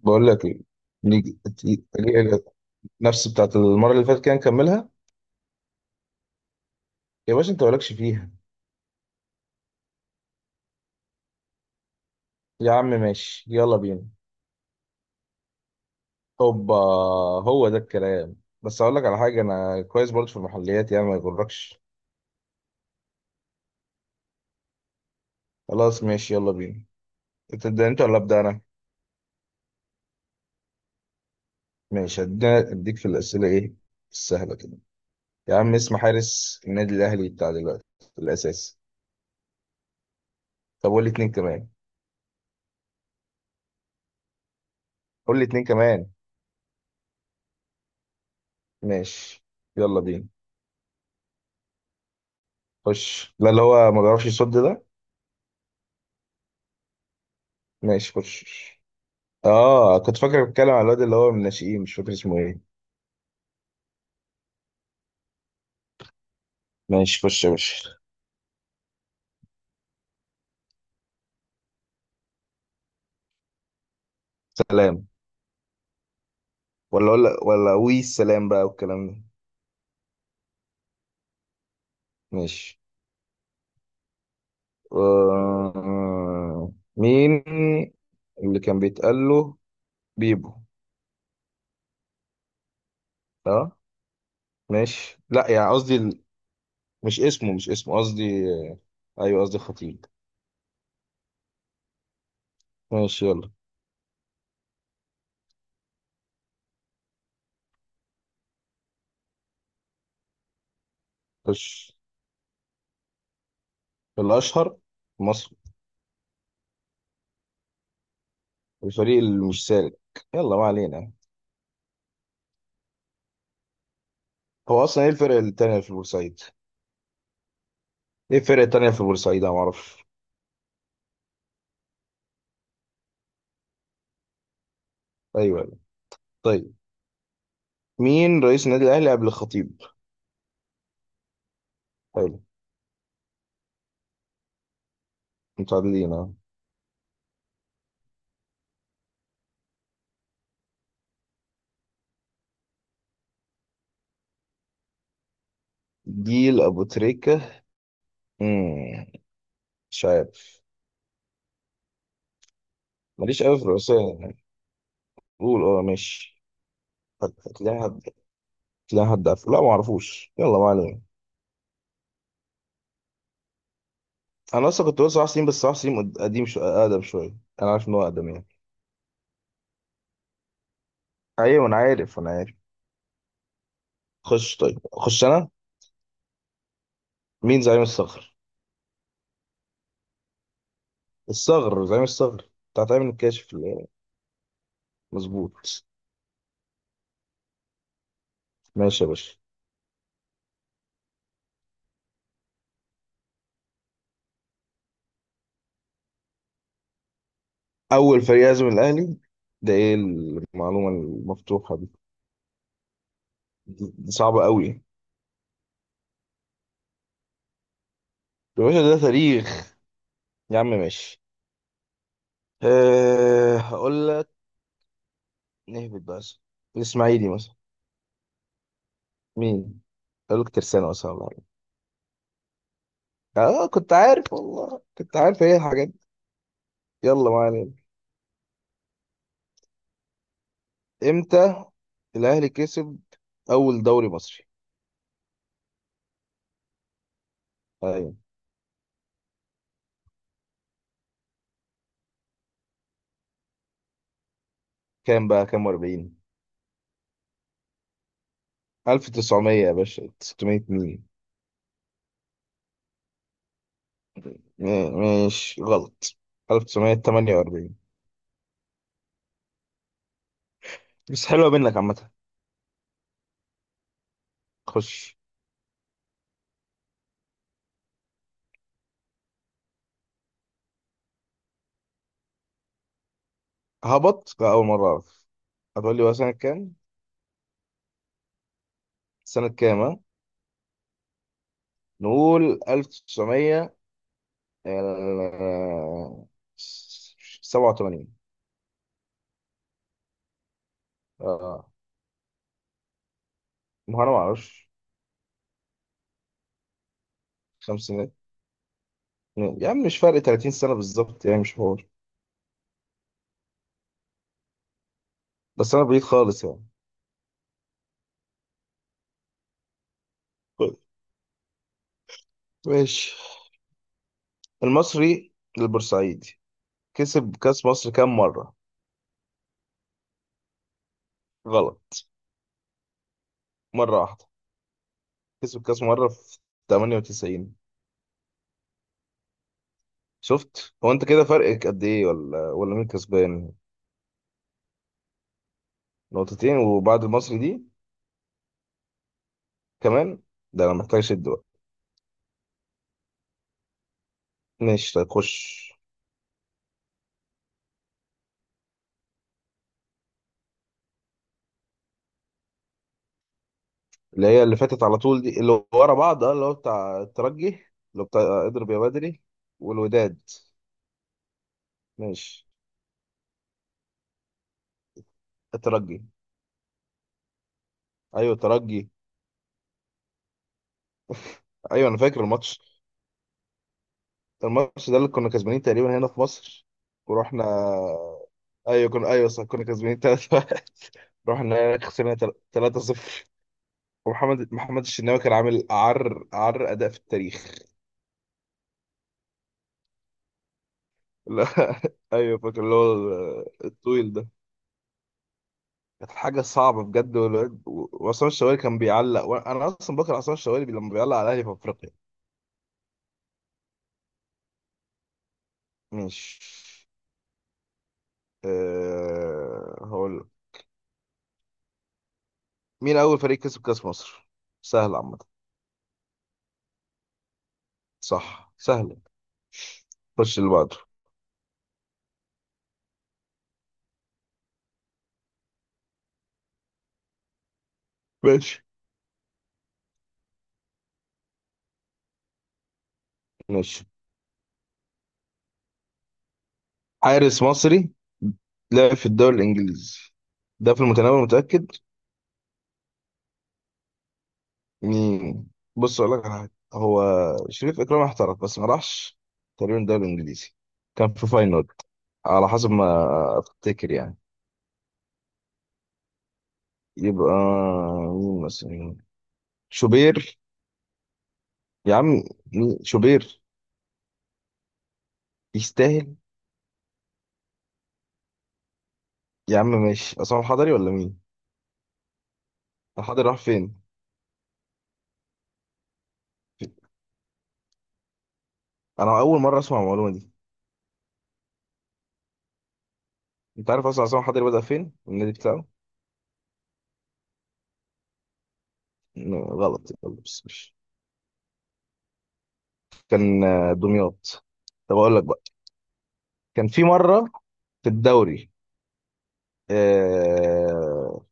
بقول لك ايه. نيجي تي- تيجي- نفس بتاعت المره اللي فاتت كده نكملها. يا باشا انت مالكش فيها. يا عم ماشي يلا بينا. هوبا، هو ده الكلام. بس اقول لك على حاجه، انا كويس برضه في المحليات يعني ما يغركش. خلاص ماشي يلا بينا. تبدا انت ولا ابدا انا؟ ماشي، اديك في الاسئله. ايه السهله كده؟ يا عم اسم حارس النادي الاهلي بتاع دلوقتي الاساسي؟ طب قول لي اتنين كمان. قول لي اتنين كمان. ماشي يلا بينا. خش، لا اللي هو ما بيعرفش يصد ده. ماشي خش. اه كنت فاكر بتكلم على الواد اللي هو من الناشئين، مش فاكر اسمه ايه. ماشي خش يا باشا. سلام. ولا وي السلام بقى والكلام ده. ماشي، مين اللي كان بيتقال له بيبو؟ اه ماشي، لا يعني قصدي. مش اسمه قصدي، ايوه قصدي خطيب. ماشي يلا خش. الاشهر في مصر؟ الفريق اللي مش سالك؟ يلا ما علينا. هو اصلا ايه الفرق التانية في بورسعيد؟ ايه الفرق التانية في بورسعيد؟ انا معرفش. ايوه أيوة. طيب، مين رئيس النادي الاهلي قبل الخطيب؟ حلو. متعادلين اهو. جيل ابو تريكه. مم. مش عارف. ماليش قوي في الرئاسيه يعني. قول اه ماشي. هتلاقي حد، هتلاقي حد عارفه، لا ما اعرفوش، يلا ما علينا. انا اصلا كنت بقول صلاح سليم، بس صلاح سليم اقدم شويه. انا عارف ان هو اقدم يعني. ايوه انا عارف، انا عارف. خش طيب، خش انا. مين زعيم الصغر؟ الصغر، زعيم الصغر بتاع تامر الكاشف. مظبوط. ماشي يا باشا. اول فريق يهزم الاهلي؟ ده ايه المعلومه المفتوحه دي؟ دي صعبه قوي. يا باشا ده تاريخ. يا عم ماشي. أه هقول لك، نهبط بس. الاسماعيلي مثلا؟ مين؟ هقول لك ترسانة مثلا ولا حاجة. اه كنت عارف والله، كنت عارف ايه الحاجات دي. يلا ما علينا. امتى الاهلي كسب اول دوري مصري؟ ايوه كام بقى، كام، 40، 1900 يا باشا، 600 مين؟ ماشي غلط. 1948. بس حلوة منك عامة. خش. هبط؟ لا أول مرة أعرف. هتقول لي هو سنة كام؟ سنة كام ها؟ نقول 1900، 87. اه ما هو أنا ما أعرفش. خمسينات؟ يا عم مش فرق 30 سنة بالظبط، يعني مش حوار. بس أنا بعيد خالص يعني. طيب، ماشي. المصري البورسعيدي كسب كأس مصر كام مرة؟ غلط. مرة واحدة. كسب كأس مرة في 98. شفت هو انت كده فرقك قد ايه؟ ولا مين كسبان؟ نقطتين، وبعد المصري دي كمان، ده انا محتاج اشد بقى. ماشي طيب خش. اللي هي اللي فاتت على طول دي، اللي ورا بعض، اه اللي هو بتاع الترجي، اللي هو بتاع، اضرب يا بدري، والوداد. ماشي، الترجي. ايوه الترجي. ايوه انا فاكر الماتش. الماتش ده اللي كنا كسبانين تقريبا هنا في مصر، ورحنا، ايوه كنا، ايوه صح كنا كسبانين 3 رحنا هناك خسرنا 3-0. ومحمد الشناوي كان عامل أعر أعر أداء في التاريخ. لا أيوه فاكر اللي هو الطويل ده. كانت حاجة صعبة بجد. وعصام الشوالي كان بيعلق، وأنا أصلا بكره عصام الشوالي لما بيعلق على الأهلي في أفريقيا. مش، هقول لك. مين أول فريق كسب كأس مصر؟ سهل عامة. صح سهل. خش اللي بعده. ماشي ماشي. حارس مصري لعب في الدوري الإنجليزي؟ ده في المتناول متأكد. مم. بص اقول لك على حاجه، هو شريف اكرامي احترف بس ما راحش تقريبا الدوري الانجليزي، كان في فاينل على حسب ما افتكر يعني. يبقى مين مثلا؟ شوبير؟ يا عم مين شوبير يستاهل؟ يا عم ماشي، عصام الحضري ولا مين؟ الحضري راح فين؟ انا اول مره اسمع المعلومه دي. انت عارف اصلا عصام الحضري بدأ فين النادي بتاعه؟ غلط يلا، بس مش كان، دمياط. طب اقول لك بقى. كان في مره في الدوري، آه،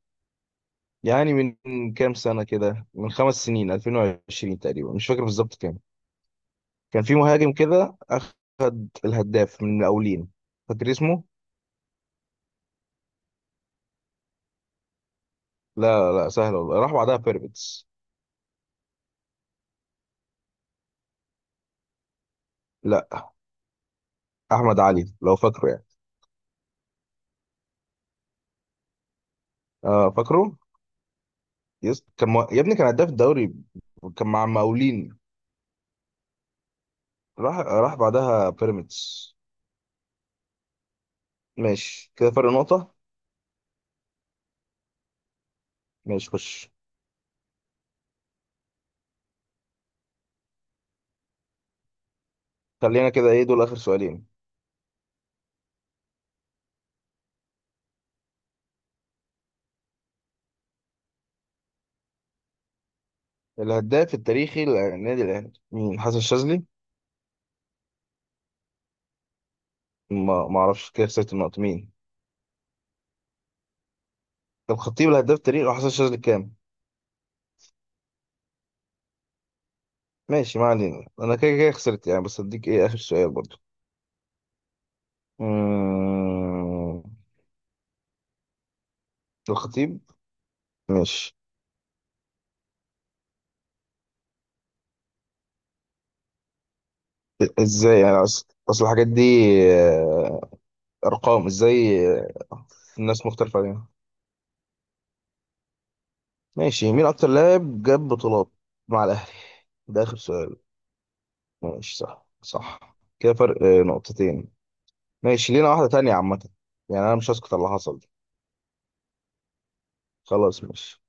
يعني من كام سنة كده، من خمس سنين، 2020 تقريبا مش فاكر بالظبط كام. كان في مهاجم كده أخد الهداف من المقاولين، فاكر اسمه؟ لا لا سهل والله، راح بعدها بيراميدز. لا، أحمد علي لو فاكره يعني. اه فاكره؟ يس يا ابني كان هداف الدوري. كان مع المقاولين، راح بعدها بيراميدز. ماشي كده فرق نقطة. ماشي خش. خلينا كده، ايه دول آخر سؤالين. الهداف التاريخي للنادي الأهلي مين، حسن الشاذلي؟ ما اعرفش. كده خسرت النقطة. مين؟ طب خطيب الهداف تاريخ، وحسن شاذلي كام؟ ماشي ما علينا، انا كده كده خسرت يعني. بس اديك ايه، اخر سؤال برضو. أمم، الخطيب. ماشي. ازاي يعني، اصل الحاجات دي، آه، ارقام، ازاي الناس مختلفة عليها؟ ماشي. مين اكتر لاعب جاب بطولات مع الاهلي؟ ده اخر سؤال. ماشي صح صح. كده فرق نقطتين. ماشي لينا واحدة تانية عامة، يعني انا مش هسكت على اللي حصل دي. خلاص ماشي.